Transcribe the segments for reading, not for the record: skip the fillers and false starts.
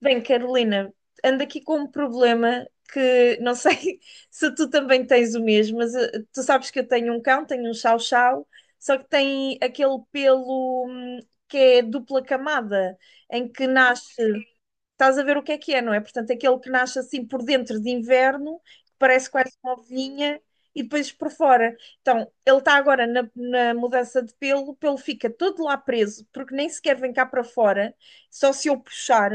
Bem, Carolina, ando aqui com um problema que não sei se tu também tens o mesmo, mas tu sabes que eu tenho um cão, tenho um chau chau, só que tem aquele pelo que é dupla camada, em que nasce, estás a ver o que é, não é? Portanto, aquele que nasce assim por dentro de inverno, que parece quase uma ovinha, e depois por fora. Então, ele está agora na mudança de pelo, o pelo fica todo lá preso, porque nem sequer vem cá para fora, só se eu puxar,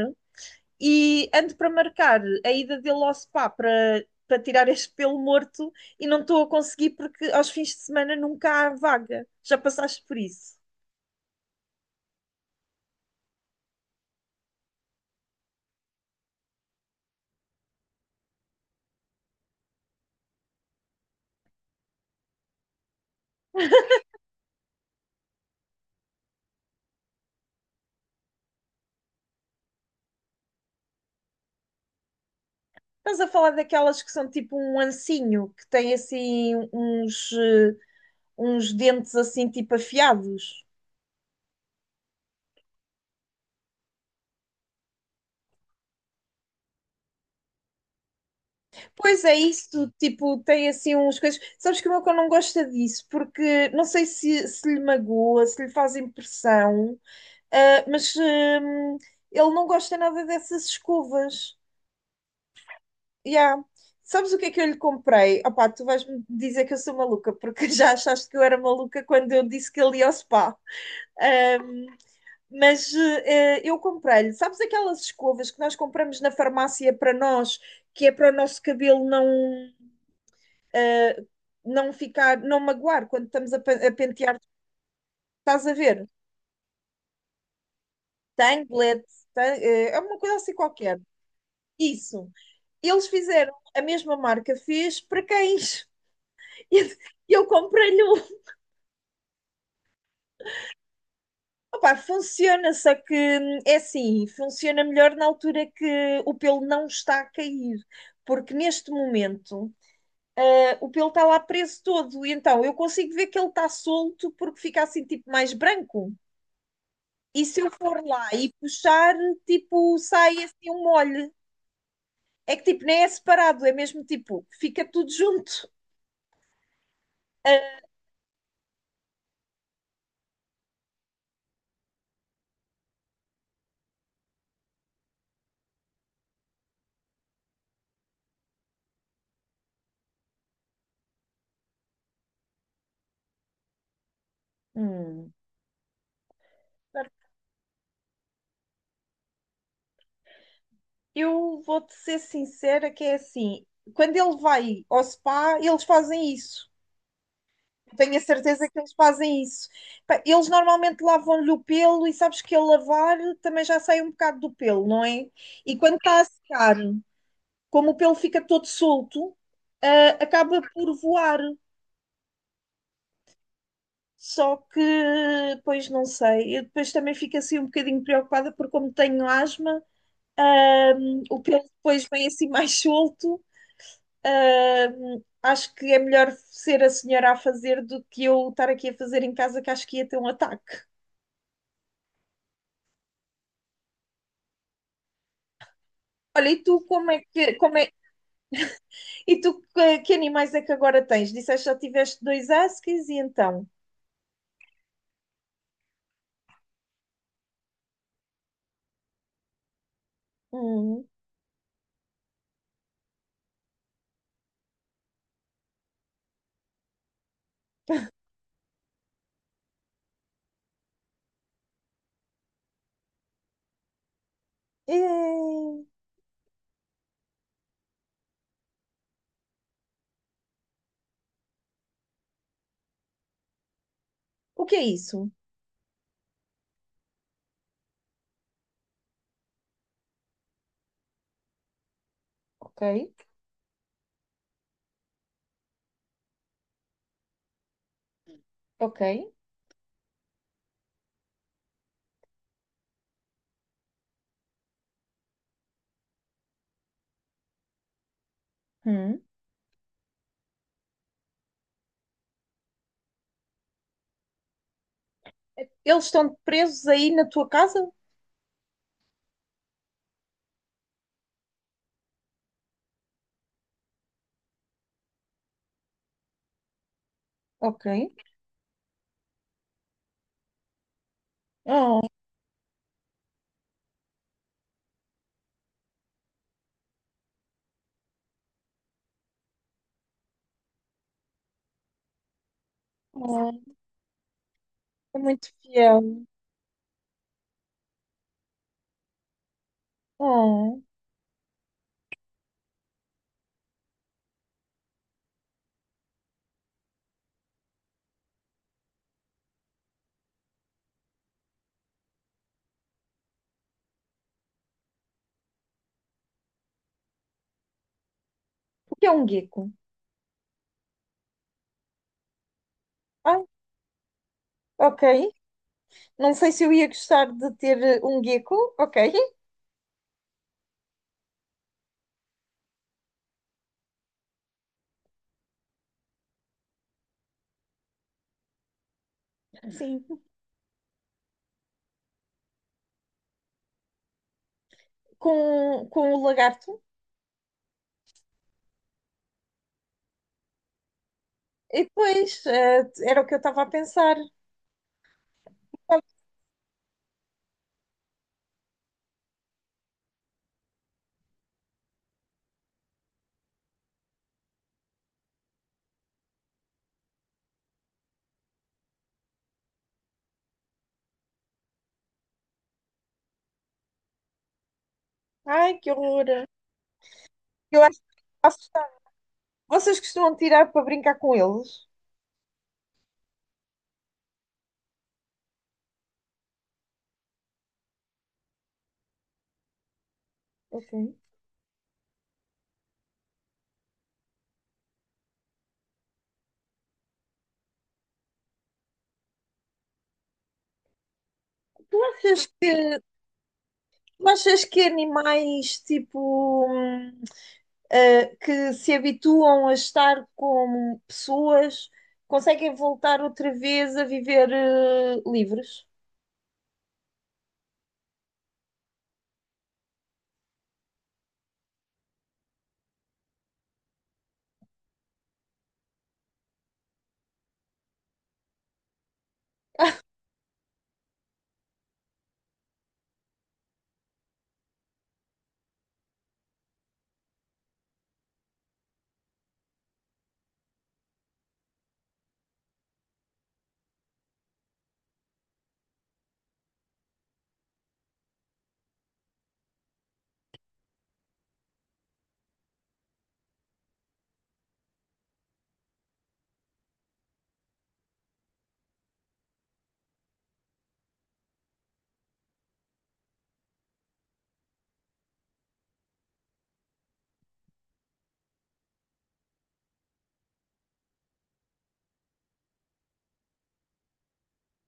e ando para marcar a ida dele ao spa para tirar este pelo morto e não estou a conseguir porque aos fins de semana nunca há vaga. Já passaste por isso? Estás a falar daquelas que são tipo um ancinho, que tem assim uns, uns dentes assim tipo afiados. Pois é isso, tipo, tem assim uns coisas. Sabes que o meu cão não gosta disso, porque não sei se, se lhe magoa, se lhe faz impressão, ah, mas ele não gosta nada dessas escovas. Yeah. Sabes o que é que eu lhe comprei? Opá, tu vais-me dizer que eu sou maluca, porque já achaste que eu era maluca quando eu disse que ele ia ao spa. Ahm, mas eu comprei-lhe, sabes aquelas escovas que nós compramos na farmácia para nós, que é para o nosso cabelo não ficar, não magoar quando estamos a, a pentear, estás a ver? Tanglet, é uma coisa assim qualquer. Isso. Eles fizeram, a mesma marca fez para cães. Eu comprei-lhe um. Opa, funciona, só que é assim, funciona melhor na altura que o pelo não está a cair, porque neste momento o pelo está lá preso todo, e então eu consigo ver que ele está solto porque fica assim tipo mais branco. E se eu for lá e puxar, tipo, sai assim um molho. É que tipo, nem é separado, é mesmo tipo, fica tudo junto. Eh, Hum. Eu vou-te ser sincera que é assim, quando ele vai ao spa, eles fazem isso. Tenho a certeza que eles fazem isso. Pá, eles normalmente lavam-lhe o pelo e sabes que ao lavar também já sai um bocado do pelo, não é? E quando está a secar, como o pelo fica todo solto, ah, acaba por voar. Só que, pois não sei, eu depois também fico assim um bocadinho preocupada porque como tenho asma, o pelo depois vem assim mais solto. Acho que é melhor ser a senhora a fazer do que eu estar aqui a fazer em casa, que acho que ia ter um ataque. Olha, e tu como é que como é, e tu que animais é que agora tens? Disseste que já tiveste dois huskies e então? Hum, é, o que é isso? Ok, ok. Hum. Eles estão presos aí na tua casa? Ok. Oh, oh, é muito fiel. Oh. O que é um gecko? Ah, ok. Não sei se eu ia gostar de ter um gecko, ok? Sim. Com o lagarto. E depois, eh, era o que eu estava a pensar. Ai, que horror! Eu acho que assustar. Vocês costumam tirar para brincar com eles? Ok. Tu achas que, tu achas que animais tipo que se habituam a estar com pessoas conseguem voltar outra vez a viver livres?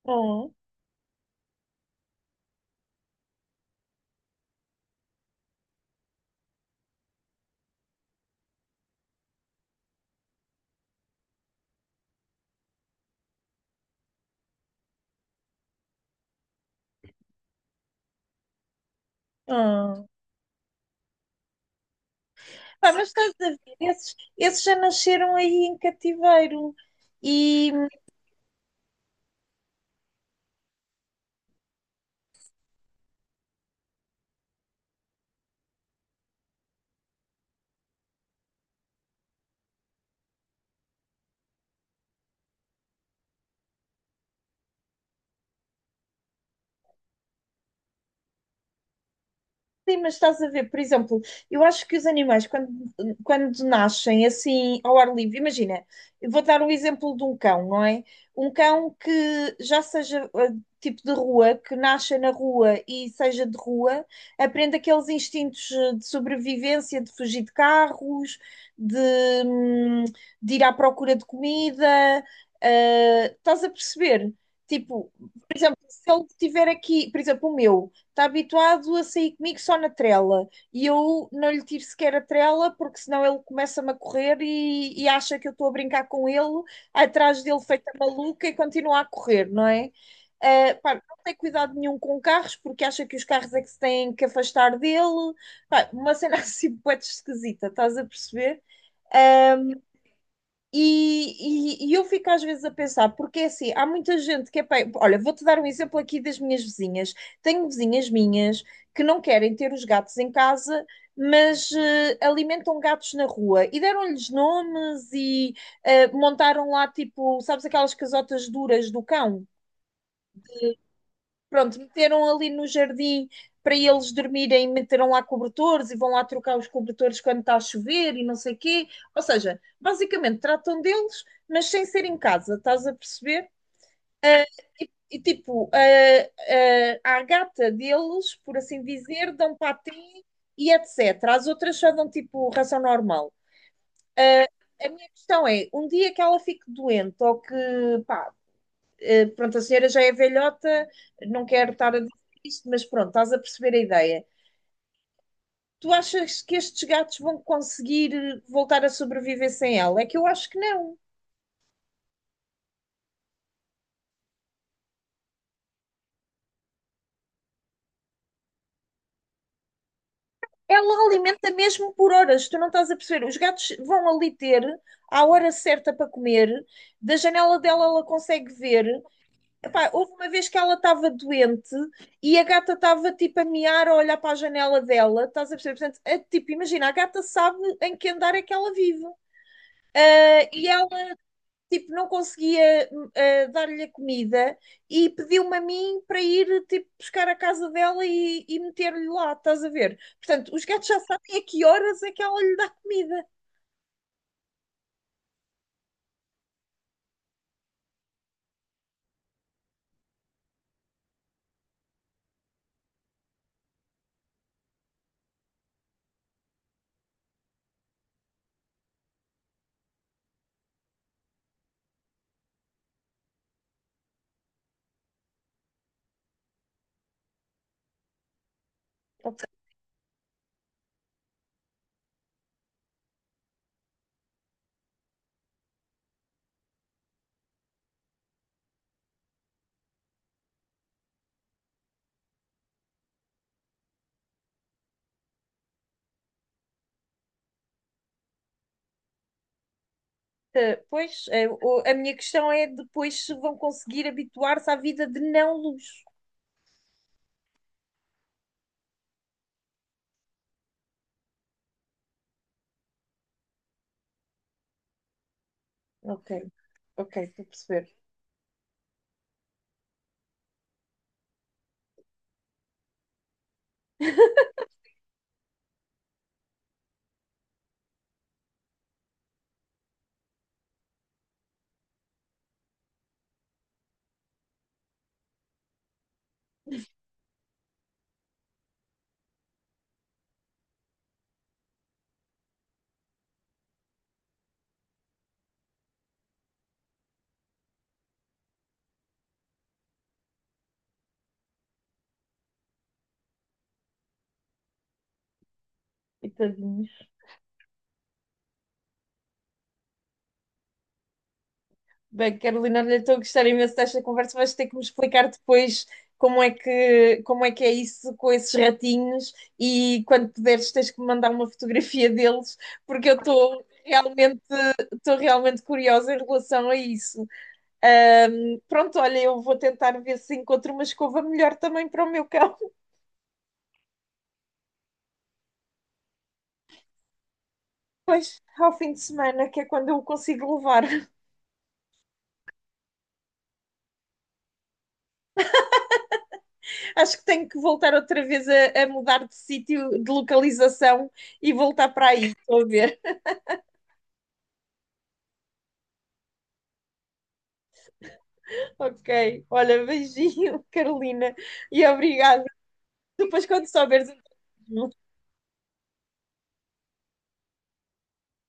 Oh, oh. Pá, mas estás a ver, esses, esses já nasceram aí em cativeiro e sim, mas estás a ver, por exemplo, eu acho que os animais, quando, quando nascem assim ao ar livre, imagina, eu vou dar o exemplo de um cão, não é? Um cão que já seja tipo de rua, que nasça na rua e seja de rua, aprende aqueles instintos de sobrevivência, de fugir de carros, de, hum, de ir à procura de comida, estás a perceber? Tipo, se ele tiver aqui, por exemplo, o meu, está habituado a sair comigo só na trela e eu não lhe tiro sequer a trela porque senão ele começa-me a correr e acha que eu estou a brincar com ele, atrás dele feita maluca e continua a correr, não é? Pá, não tem cuidado nenhum com carros porque acha que os carros é que se têm que afastar dele. Pá, uma cena assim, poeta esquisita, estás a perceber? Ah, e eu fico às vezes a pensar, porque é assim, há muita gente que olha, vou-te dar um exemplo aqui das minhas vizinhas. Tenho vizinhas minhas que não querem ter os gatos em casa, mas alimentam gatos na rua e deram-lhes nomes e montaram lá, tipo, sabes aquelas casotas duras do cão? Pronto, meteram ali no jardim para eles dormirem, meteram lá cobertores e vão lá trocar os cobertores quando está a chover e não sei o quê. Ou seja, basicamente tratam deles, mas sem ser em casa, estás a perceber? Ah, e, tipo, a à gata deles, por assim dizer, dão patinho e etc. As outras só dão tipo ração normal. Ah, a minha questão é, um dia que ela fique doente ou que, pá, pronto, a senhora já é velhota, não quero estar a dizer isto, mas pronto, estás a perceber a ideia. Tu achas que estes gatos vão conseguir voltar a sobreviver sem ela? É que eu acho que não. Ela alimenta mesmo por horas, tu não estás a perceber. Os gatos vão ali ter à hora certa para comer, da janela dela ela consegue ver. Epá, houve uma vez que ela estava doente e a gata estava tipo a miar a olhar para a janela dela, estás a perceber? Portanto, é, tipo, imagina, a gata sabe em que andar é que ela vive. E ela tipo, não conseguia dar-lhe a comida e pediu-me a mim para ir, tipo, buscar a casa dela e meter-lhe lá, estás a ver? Portanto, os gatos já sabem a que horas é que ela lhe dá comida. Portanto, a minha questão é depois se vão conseguir habituar-se à vida de não luz. Ok, ok, estou a perceber. E tadinhos. Bem, Carolina, olha, estou a gostar imenso desta conversa. Vais ter que me explicar depois como é que é isso com esses ratinhos e quando puderes tens que me mandar uma fotografia deles, porque eu estou realmente curiosa em relação a isso. Pronto, olha, eu vou tentar ver se encontro uma escova melhor também para o meu cão. Pois ao fim de semana, que é quando eu o consigo levar. Acho que tenho que voltar outra vez a mudar de sítio, de localização e voltar para aí. Estou a ver. Ok. Olha, beijinho, Carolina. E obrigada. Depois, quando souberes,